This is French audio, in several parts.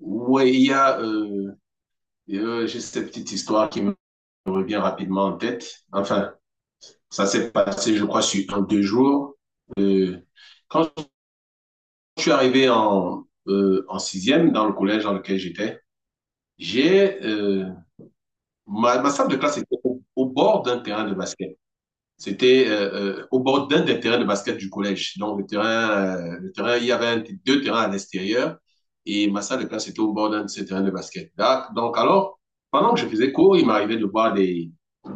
Oui, il y a j'ai cette petite histoire qui me revient rapidement en tête. Enfin, ça s'est passé, je crois, sur un, deux jours. Euh, Quand je suis arrivé en sixième dans le collège dans lequel j'étais, j'ai ma salle de classe était au bord d'un terrain de basket. C'était au bord d'un des terrains de basket du collège. Donc, le terrain, il y avait deux terrains à l'extérieur et ma salle de classe était au bord d'un de ces terrains de basket. Là, donc, alors, pendant que je faisais cours, il m'arrivait de voir euh,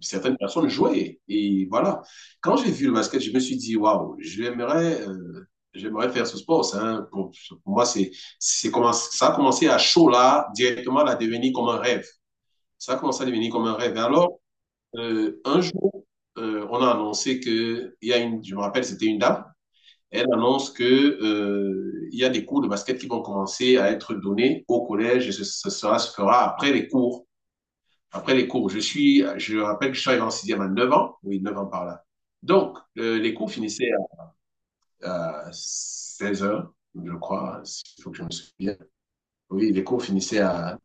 certaines personnes jouer. Et voilà. Quand j'ai vu le basket, je me suis dit, waouh, j'aimerais faire ce sport. Pour moi, ça a commencé à chaud là, directement à devenir comme un rêve. Ça a commencé à devenir comme un rêve. Et alors, un jour, on a annoncé que, il y a une, je me rappelle, c'était une dame, elle annonce que, il y a des cours de basket qui vont commencer à être donnés au collège et ce sera, se fera après les cours. Après les cours, je rappelle que je suis arrivé en sixième à 9 ans, oui, 9 ans par là. Donc, les cours finissaient à, à 16 heures, je crois, si, il faut que je me souvienne. Oui, les cours finissaient à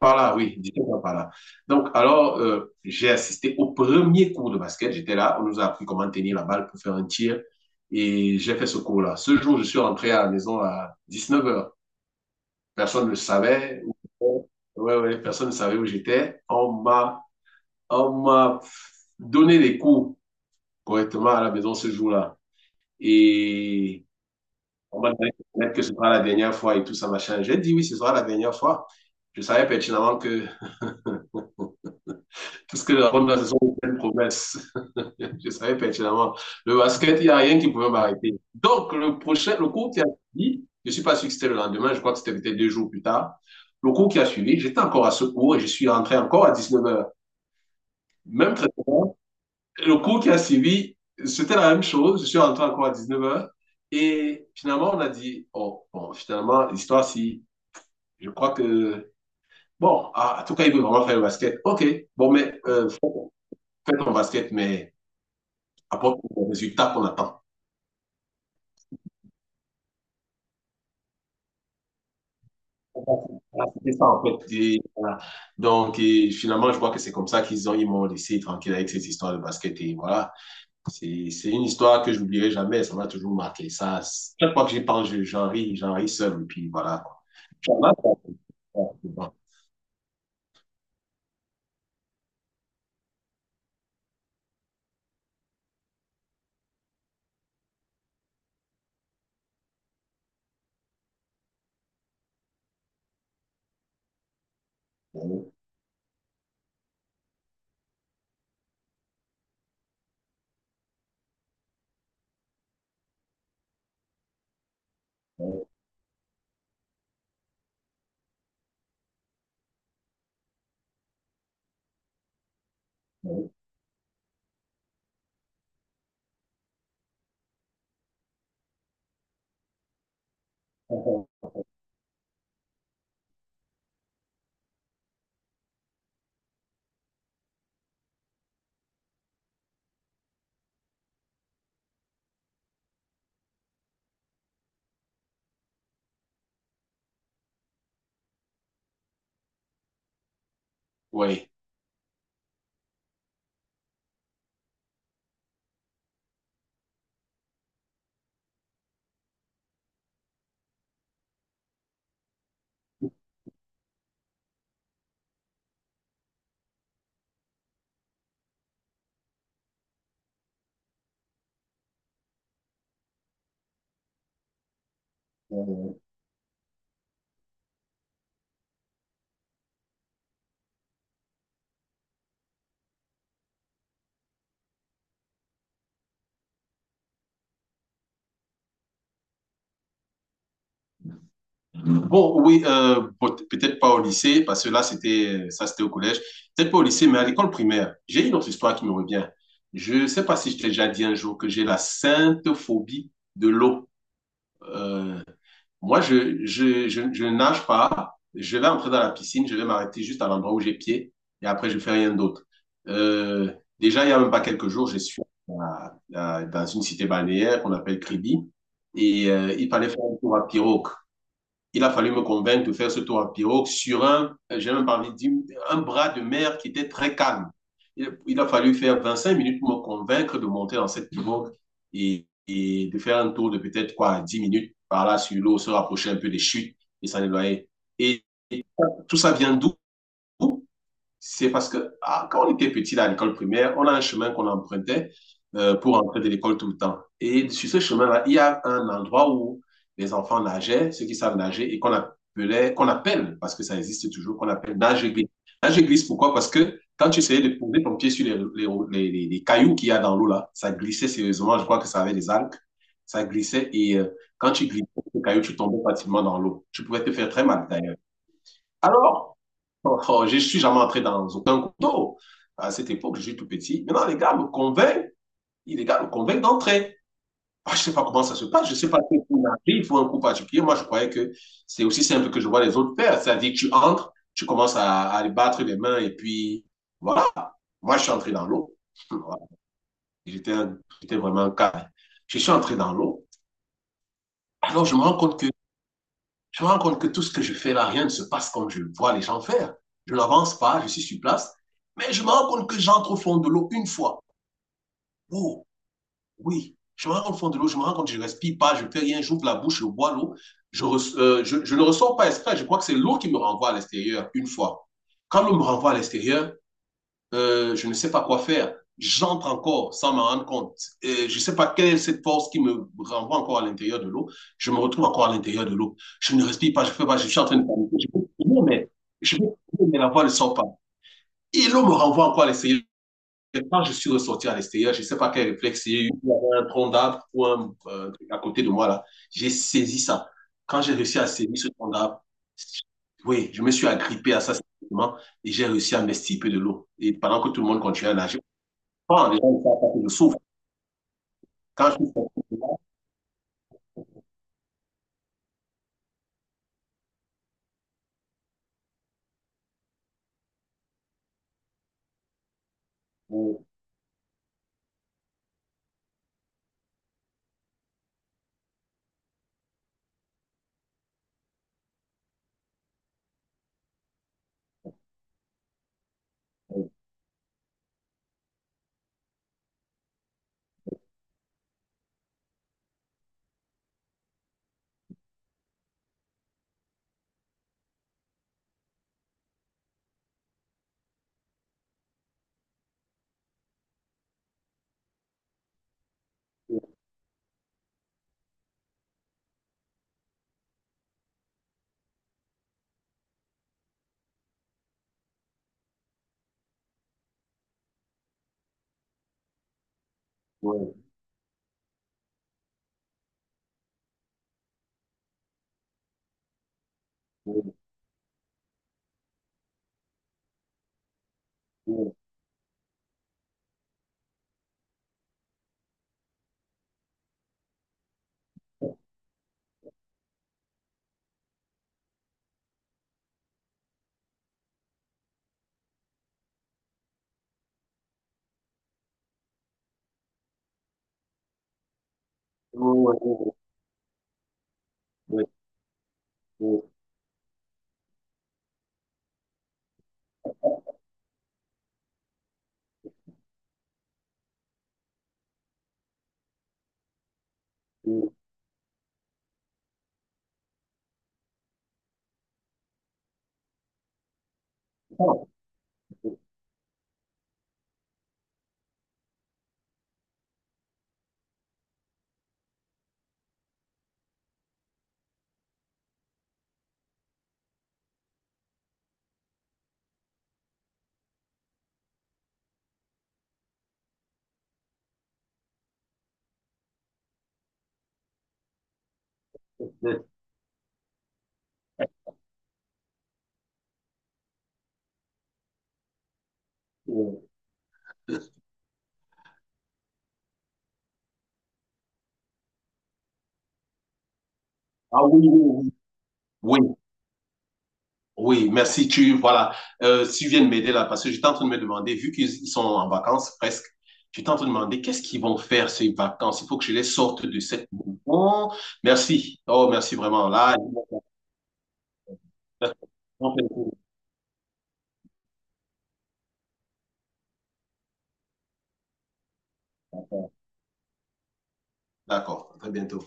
par là, oui, directement par là. Donc, alors, j'ai assisté au premier cours de basket. J'étais là, on nous a appris comment tenir la balle pour faire un tir. Et j'ai fait ce cours-là. Ce jour, je suis rentré à la maison à 19 heures. Personne ne le savait. où- Ouais, ouais, personne ne savait où j'étais. On m'a donné les cours correctement à la maison ce jour-là. Et on m'a dit que ce sera la dernière fois et tout ça, machin. J'ai dit oui, ce sera la dernière fois. Je savais pertinemment que puisque la fin de la saison était une promesse. Je savais pertinemment. Le basket, il n'y a rien qui pouvait m'arrêter. Donc, le cours qui a suivi, je ne suis pas sûr que c'était le lendemain, je crois que c'était peut-être 2 jours plus tard. Le cours qui a suivi, j'étais encore à ce cours et je suis rentré encore à 19 heures. Même traitement. Le cours qui a suivi, c'était la même chose. Je suis rentré encore à 19 heures. Et finalement, on a dit, oh, bon, finalement, l'histoire, si, je crois que, bon, ah, en tout cas, il veut vraiment faire le basket. OK, bon, mais fais ton basket, mais apporte le résultat qu'on attend. Voilà, c'était ça, en fait. Et, voilà. Donc, et finalement, je vois que c'est comme ça ils m'ont laissé tranquille avec cette histoire de basket. Et voilà, c'est une histoire que je n'oublierai jamais. Ça m'a toujours marqué. Ça, chaque fois que j'y pense, j'en ris seul. Et puis voilà, quoi. Tu en as, toi? Ouais, c'est bon. Ouais, ouais, ouais. Oui. Euh, Bon, oui, peut-être pas au lycée, parce que là, c'était, ça, c'était au collège. Peut-être pas au lycée, mais à l'école primaire. J'ai une autre histoire qui me revient. Je sais pas si je t'ai déjà dit un jour que j'ai la sainte phobie de l'eau. Euh, moi, je nage pas. Je vais entrer dans la piscine, je vais m'arrêter juste à l'endroit où j'ai pied, et après, je fais rien d'autre. Euh, déjà, il y a même pas quelques jours, je suis dans une cité balnéaire qu'on appelle Kribi, et il fallait faire un tour à pirogue. Il a fallu me convaincre de faire ce tour en pirogue sur un, j'ai même pas envie de dire, un bras de mer qui était très calme. Il, a fallu faire 25 minutes pour me convaincre de monter dans cette pirogue et de faire un tour de peut-être quoi, 10 minutes par là sur l'eau, se rapprocher un peu des chutes et s'en éloigner. Et, et tout ça vient d'où c'est parce que ah, quand on était petit là, à l'école primaire, on a un chemin qu'on empruntait pour entrer de l'école tout le temps. Et sur ce chemin-là, il y a un endroit où les enfants nageaient, ceux qui savent nager, et qu'on appelait, qu'on appelle, parce que ça existe toujours, qu'on appelle nage-glisse. Nage-glisse, pourquoi? Parce que quand tu essayais de poser ton pied sur les cailloux qu'il y a dans l'eau là, ça glissait sérieusement. Je crois que ça avait des algues. Ça glissait et quand tu glissais, les cailloux, tu tombais facilement dans l'eau. Tu pouvais te faire très mal d'ailleurs. Alors, oh, oh, je ne suis jamais entré dans aucun couteau. À cette époque, je suis tout petit. Maintenant, les gars me convainquent, les gars me convainquent d'entrer. Ah, je ne sais pas comment ça se passe, je ne sais pas si il faut un coup particulier. Moi, je croyais que c'est aussi simple que je vois les autres faire. C'est-à-dire que tu entres, tu commences à les battre les mains et puis voilà. Moi, je suis entré dans l'eau. Voilà. J'étais vraiment calme. Je suis entré dans l'eau. Alors, je me rends compte que je me rends compte que tout ce que je fais là, rien ne se passe comme je vois les gens faire. Je n'avance pas, je suis sur place, mais je me rends compte que j'entre au fond de l'eau une fois. Oh, oui, je me rends compte au fond de l'eau, je me rends compte que je ne respire pas, je ne fais rien, j'ouvre la bouche, je bois l'eau. Je ne ressors pas exprès, je crois que c'est l'eau qui me renvoie à l'extérieur une fois. Quand l'eau me renvoie à l'extérieur, je ne sais pas quoi faire. J'entre encore sans m'en rendre compte. Et je ne sais pas quelle est cette force qui me renvoie encore à l'intérieur de l'eau. Je me retrouve encore à l'intérieur de l'eau. Je ne respire pas, je ne fais pas, je suis en train de paniquer. Mais, je peux mais la voix ne sort pas. Et l'eau me renvoie encore à l'essayer quand je suis ressorti à l'extérieur, je ne sais pas quel réflexe j'ai eu, il y avait un tronc d'arbre ou un à côté de moi là. J'ai saisi ça. Quand j'ai réussi à saisir ce tronc d'arbre, oui, je me suis agrippé à ça simplement et j'ai réussi à m'extirper de l'eau. Et pendant que tout le monde continuait à nager, quand les gens ne savent pas que je souffre. Quand je souffre, oui, oui, oui, oui, oui, oui, oui, oui, oui. Ah oui, oui, oui. Oui, oui, merci. Tu, voilà, si tu viens de m'aider là, parce que j'étais en train de me demander, vu qu'ils sont en vacances presque, j'étais en train de me demander qu'est-ce qu'ils vont faire ces vacances. Il faut que je les sorte de cette bon. Merci. Oh, merci vraiment. Là, faire- ils vont faire- d'accord. À très bientôt.